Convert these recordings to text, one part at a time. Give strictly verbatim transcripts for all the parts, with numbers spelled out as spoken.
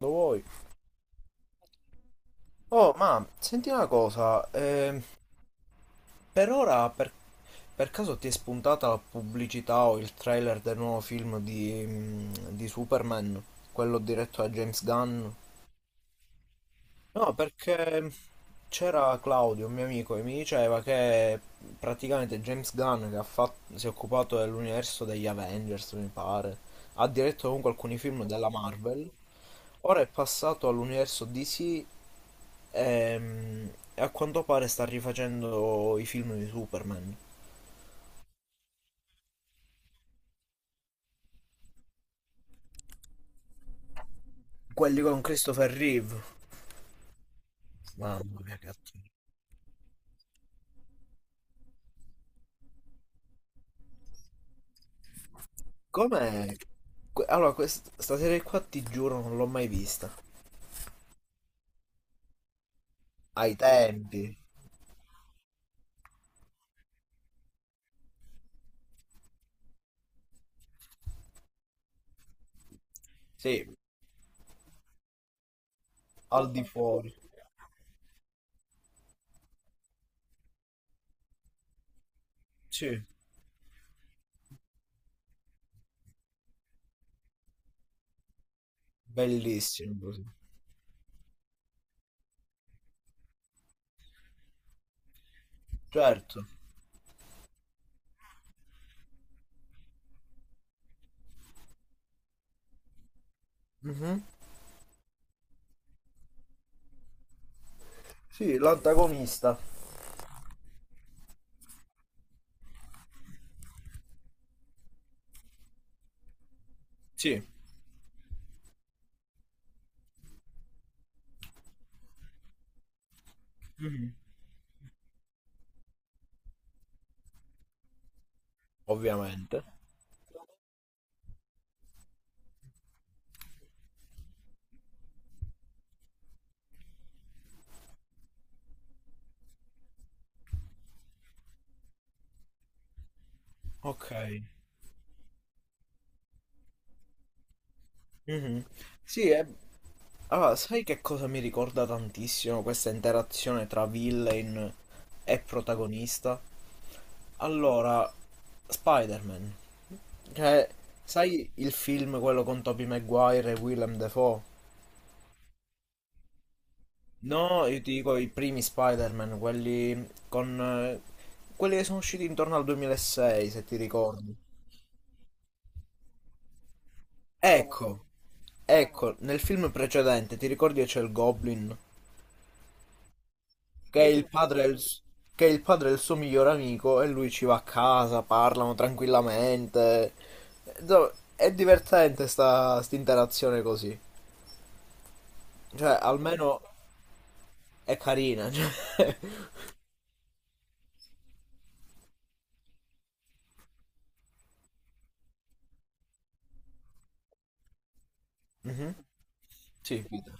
Lo vuoi? Oh, ma senti una cosa, ehm, per ora per, per caso ti è spuntata la pubblicità o il trailer del nuovo film di, mm, di Superman, quello diretto da James Gunn? No, perché c'era Claudio, un mio amico, che mi diceva che praticamente James Gunn, che ha fatto- si è occupato dell'universo degli Avengers, mi pare, ha diretto comunque alcuni film della Marvel, ora è passato all'universo D C, ehm, e a quanto pare sta rifacendo i film di Superman. Quelli con Christopher Reeve. Mamma mia, che attore. Com'è? Que- Allora, questa serie qua ti giuro non l'ho mai vista. Ai tempi. Sì, al di fuori. Sì. Bellissimo così. Certo. Mhm. Sì, l'antagonista. Sì. Mhm. Ovviamente. Ok. Mhm. Sì, è... Allora, sai che cosa mi ricorda tantissimo questa interazione tra villain e protagonista? Allora, Spider-Man. Cioè, sai il film quello con Tobey Maguire e Willem Dafoe? No, io ti dico i primi Spider-Man, quelli con eh, quelli che sono usciti intorno al duemilasei, se ti ricordi. Ecco, ecco, nel film precedente ti ricordi che c'è il Goblin, che è il padre del, s- che è il padre del suo miglior amico e lui ci va a casa, parlano tranquillamente. Do- È divertente sta interazione così. Cioè, almeno è carina. cioè. Mhm. Sì, Peter.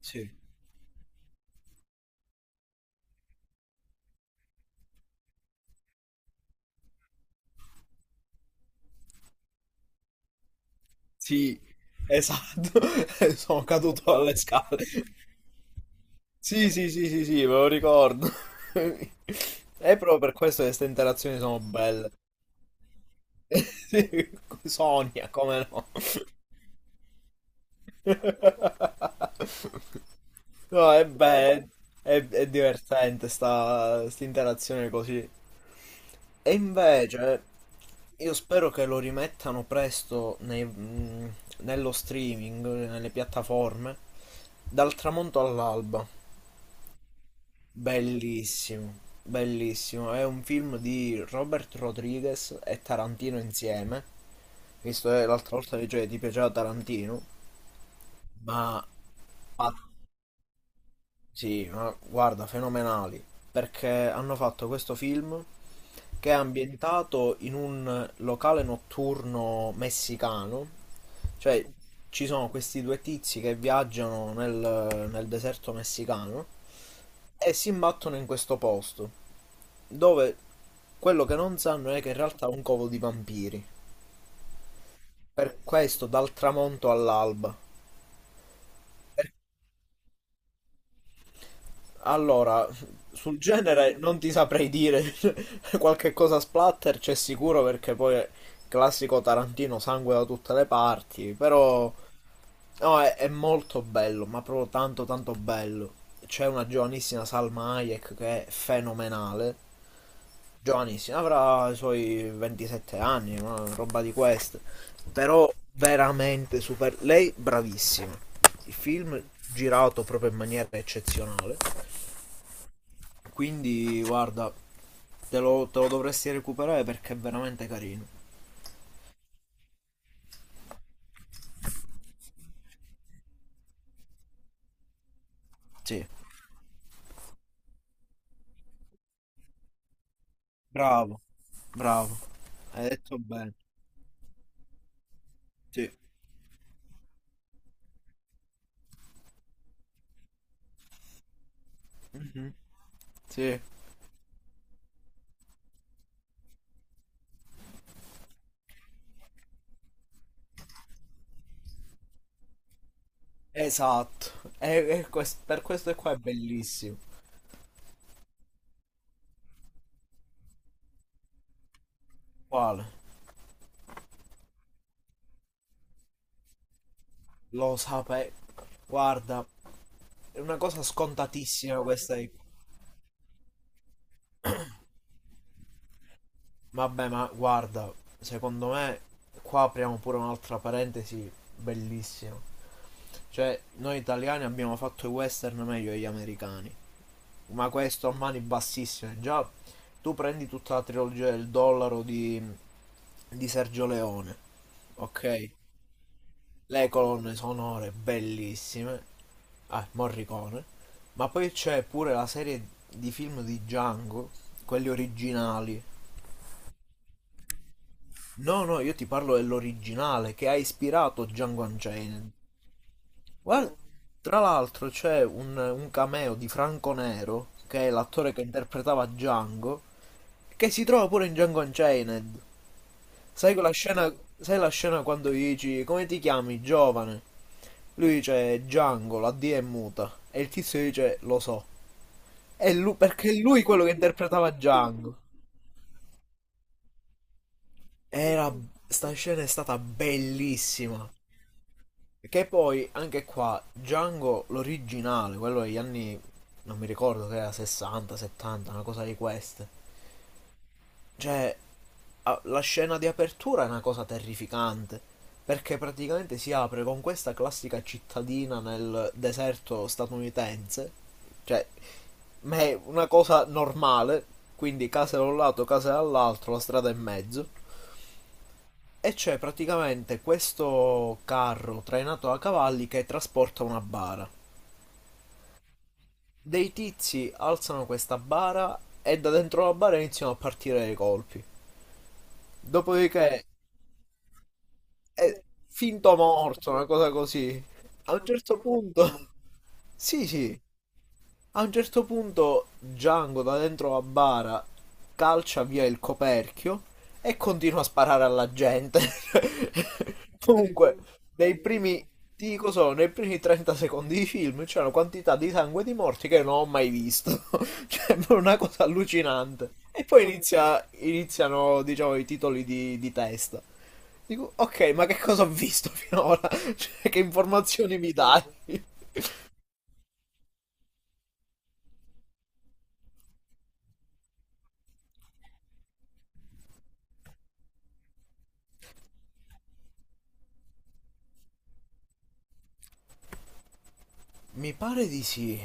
Sì. Sì, esatto, sono caduto dalle scale. Sì, sì, sì, sì, sì, me lo ricordo. È proprio per questo che queste interazioni sono belle. Sì, Sonia, come no? No, è bello, è, è divertente sta, sta interazione così. E invece io spero che lo rimettano presto nei- mh, nello streaming, nelle piattaforme, dal tramonto all'alba. Bellissimo, bellissimo. È un film di Robert Rodriguez e Tarantino insieme, visto che l'altra volta dicevi ti piaceva Tarantino, ma ah, sì, ma guarda, fenomenali, perché hanno fatto questo film che è ambientato in un locale notturno messicano. Cioè, ci sono questi due tizi che viaggiano nel, nel deserto messicano e si imbattono in questo posto, dove quello che non sanno è che in realtà è un covo di vampiri. Per questo, dal tramonto all'alba. Per- Allora, sul genere non ti saprei dire qualche cosa splatter, c'è sicuro perché poi è classico Tarantino, sangue da tutte le parti, però no, è, è molto bello, ma proprio tanto tanto bello. C'è una giovanissima Salma Hayek che è fenomenale. Giovanissima, avrà i suoi ventisette anni, una roba di queste. Però veramente super. Lei bravissima. Il film girato proprio in maniera eccezionale. Quindi guarda, te lo, te lo dovresti recuperare perché è veramente carino. Sì. Bravo, bravo. Hai detto bene. Sì. Mhm. Sì, esatto. E, e quest- per questo qua è bellissimo. Quale? Lo sapevo. Guarda, è una cosa scontatissima questa. è- Vabbè, ma guarda, secondo me qua apriamo pure un'altra parentesi bellissima. Cioè, noi italiani abbiamo fatto i western meglio degli americani. Ma questo a mani bassissime. Già, tu prendi tutta la trilogia del dollaro di, di Sergio Leone, ok? Le colonne sonore bellissime, ah, Morricone, ma poi c'è pure la serie di film di Django, quelli originali. No, no, io ti parlo dell'originale che ha ispirato Django Unchained. Guarda, tra l'altro c'è un, un cameo di Franco Nero, che è l'attore che interpretava Django, che si trova pure in Django Unchained. Sai quella scena, sai la scena quando gli dici come ti chiami, giovane? Lui dice Django, la D è muta. E il tizio dice lo so. È lui, perché è lui quello che interpretava Django. Era, Sta scena è stata bellissima. Che poi, anche qua, Django, l'originale, quello degli anni, non mi ricordo che era sessanta, settanta, una cosa di queste. Cioè, a- la scena di apertura è una cosa terrificante, perché praticamente si apre con questa classica cittadina nel deserto statunitense, cioè, ma è una cosa normale, quindi case da un lato, case dall'altro, la strada in mezzo, e c'è praticamente questo carro trainato a cavalli che trasporta una bara. Dei tizi alzano questa bara e da dentro la bara iniziano a partire dei colpi. Dopodiché è finto morto, una cosa così. A un certo punto, sì, sì, a un certo punto Django da dentro la bara calcia via il coperchio e continua a sparare alla gente. Comunque, nei primi, ti dico solo, nei primi trenta secondi di film c'è una quantità di sangue e di morti che non ho mai visto. Cioè, è una cosa allucinante. E poi inizia- iniziano, diciamo, i titoli di, di testa. Dico, ok, ma che cosa ho visto finora? Cioè, che informazioni mi dai? Mi pare di sì.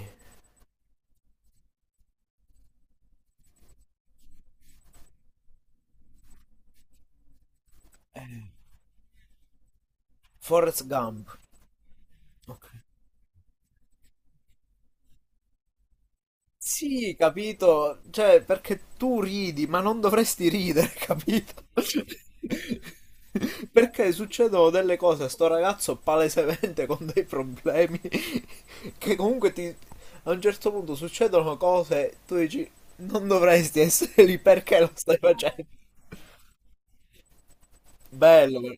Eh, Forrest Gump. Ok. Sì, capito. Cioè, perché tu ridi, ma non dovresti ridere, capito? Perché succedono delle cose a sto ragazzo palesemente con dei problemi che comunque ti... a un certo punto succedono cose, tu dici, non dovresti essere lì, perché lo stai facendo? Bello, però.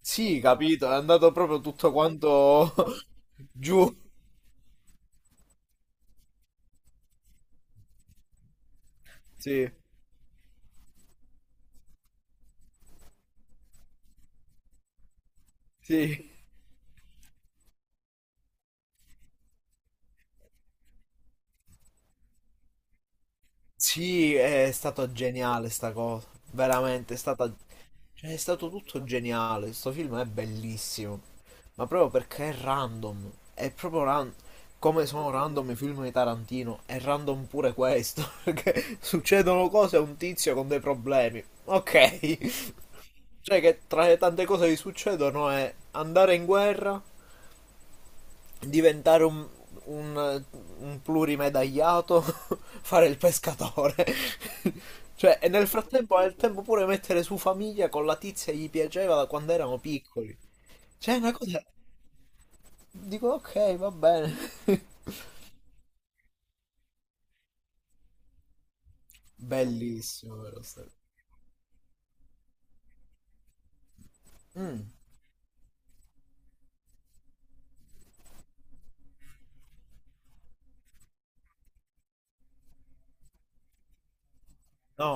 Sì, capito, è andato proprio tutto quanto giù. Sì, sì. Sì, è stato geniale sta cosa. Veramente, è stata... Cioè, è stato tutto geniale. Sto film è bellissimo. Ma proprio perché è random. È proprio random. Come sono random i film di Tarantino, è random pure questo. Perché succedono cose a un tizio con dei problemi. Ok. Cioè che tra le tante cose che gli succedono è andare in guerra, diventare un, un, un plurimedagliato, fare il pescatore. Cioè, e nel frattempo ha il tempo pure mettere su famiglia con la tizia che gli piaceva da quando erano piccoli. Cioè, è una cosa... Dico, ok, va bene. Bellissimo, vero? sta- No,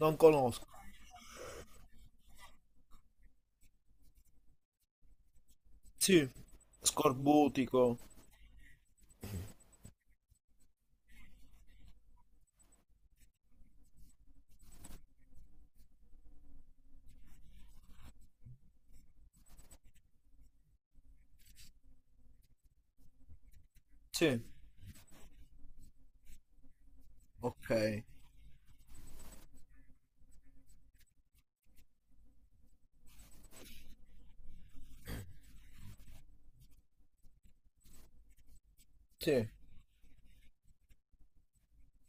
non conosco. Sì. Scorbutico. Sì. Ok. Sì.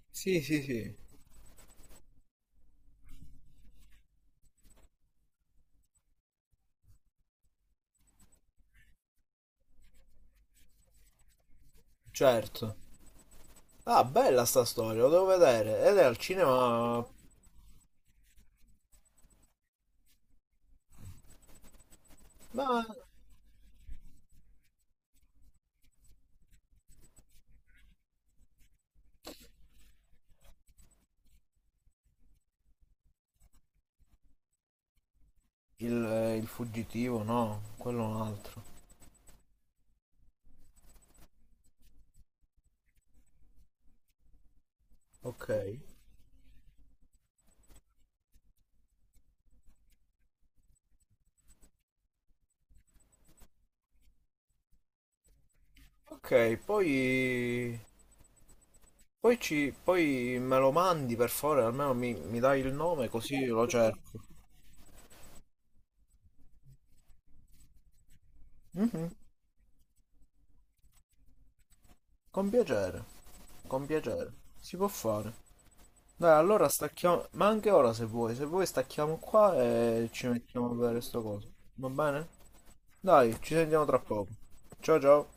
Sì, sì, sì. Certo. Ah, bella sta storia, lo devo vedere. Ed è al cinema... Ma Il, eh, il fuggitivo, no, quello è un altro. Ok. Ok, poi, poi, ci, poi me lo mandi per favore, almeno mi, mi dai il nome così io lo cerco. Mhm, con piacere, con piacere, si può fare. Dai, allora stacchiamo, ma anche ora se vuoi, se vuoi stacchiamo qua e ci mettiamo a vedere sto coso. Va bene? Dai, ci sentiamo tra poco. Ciao ciao.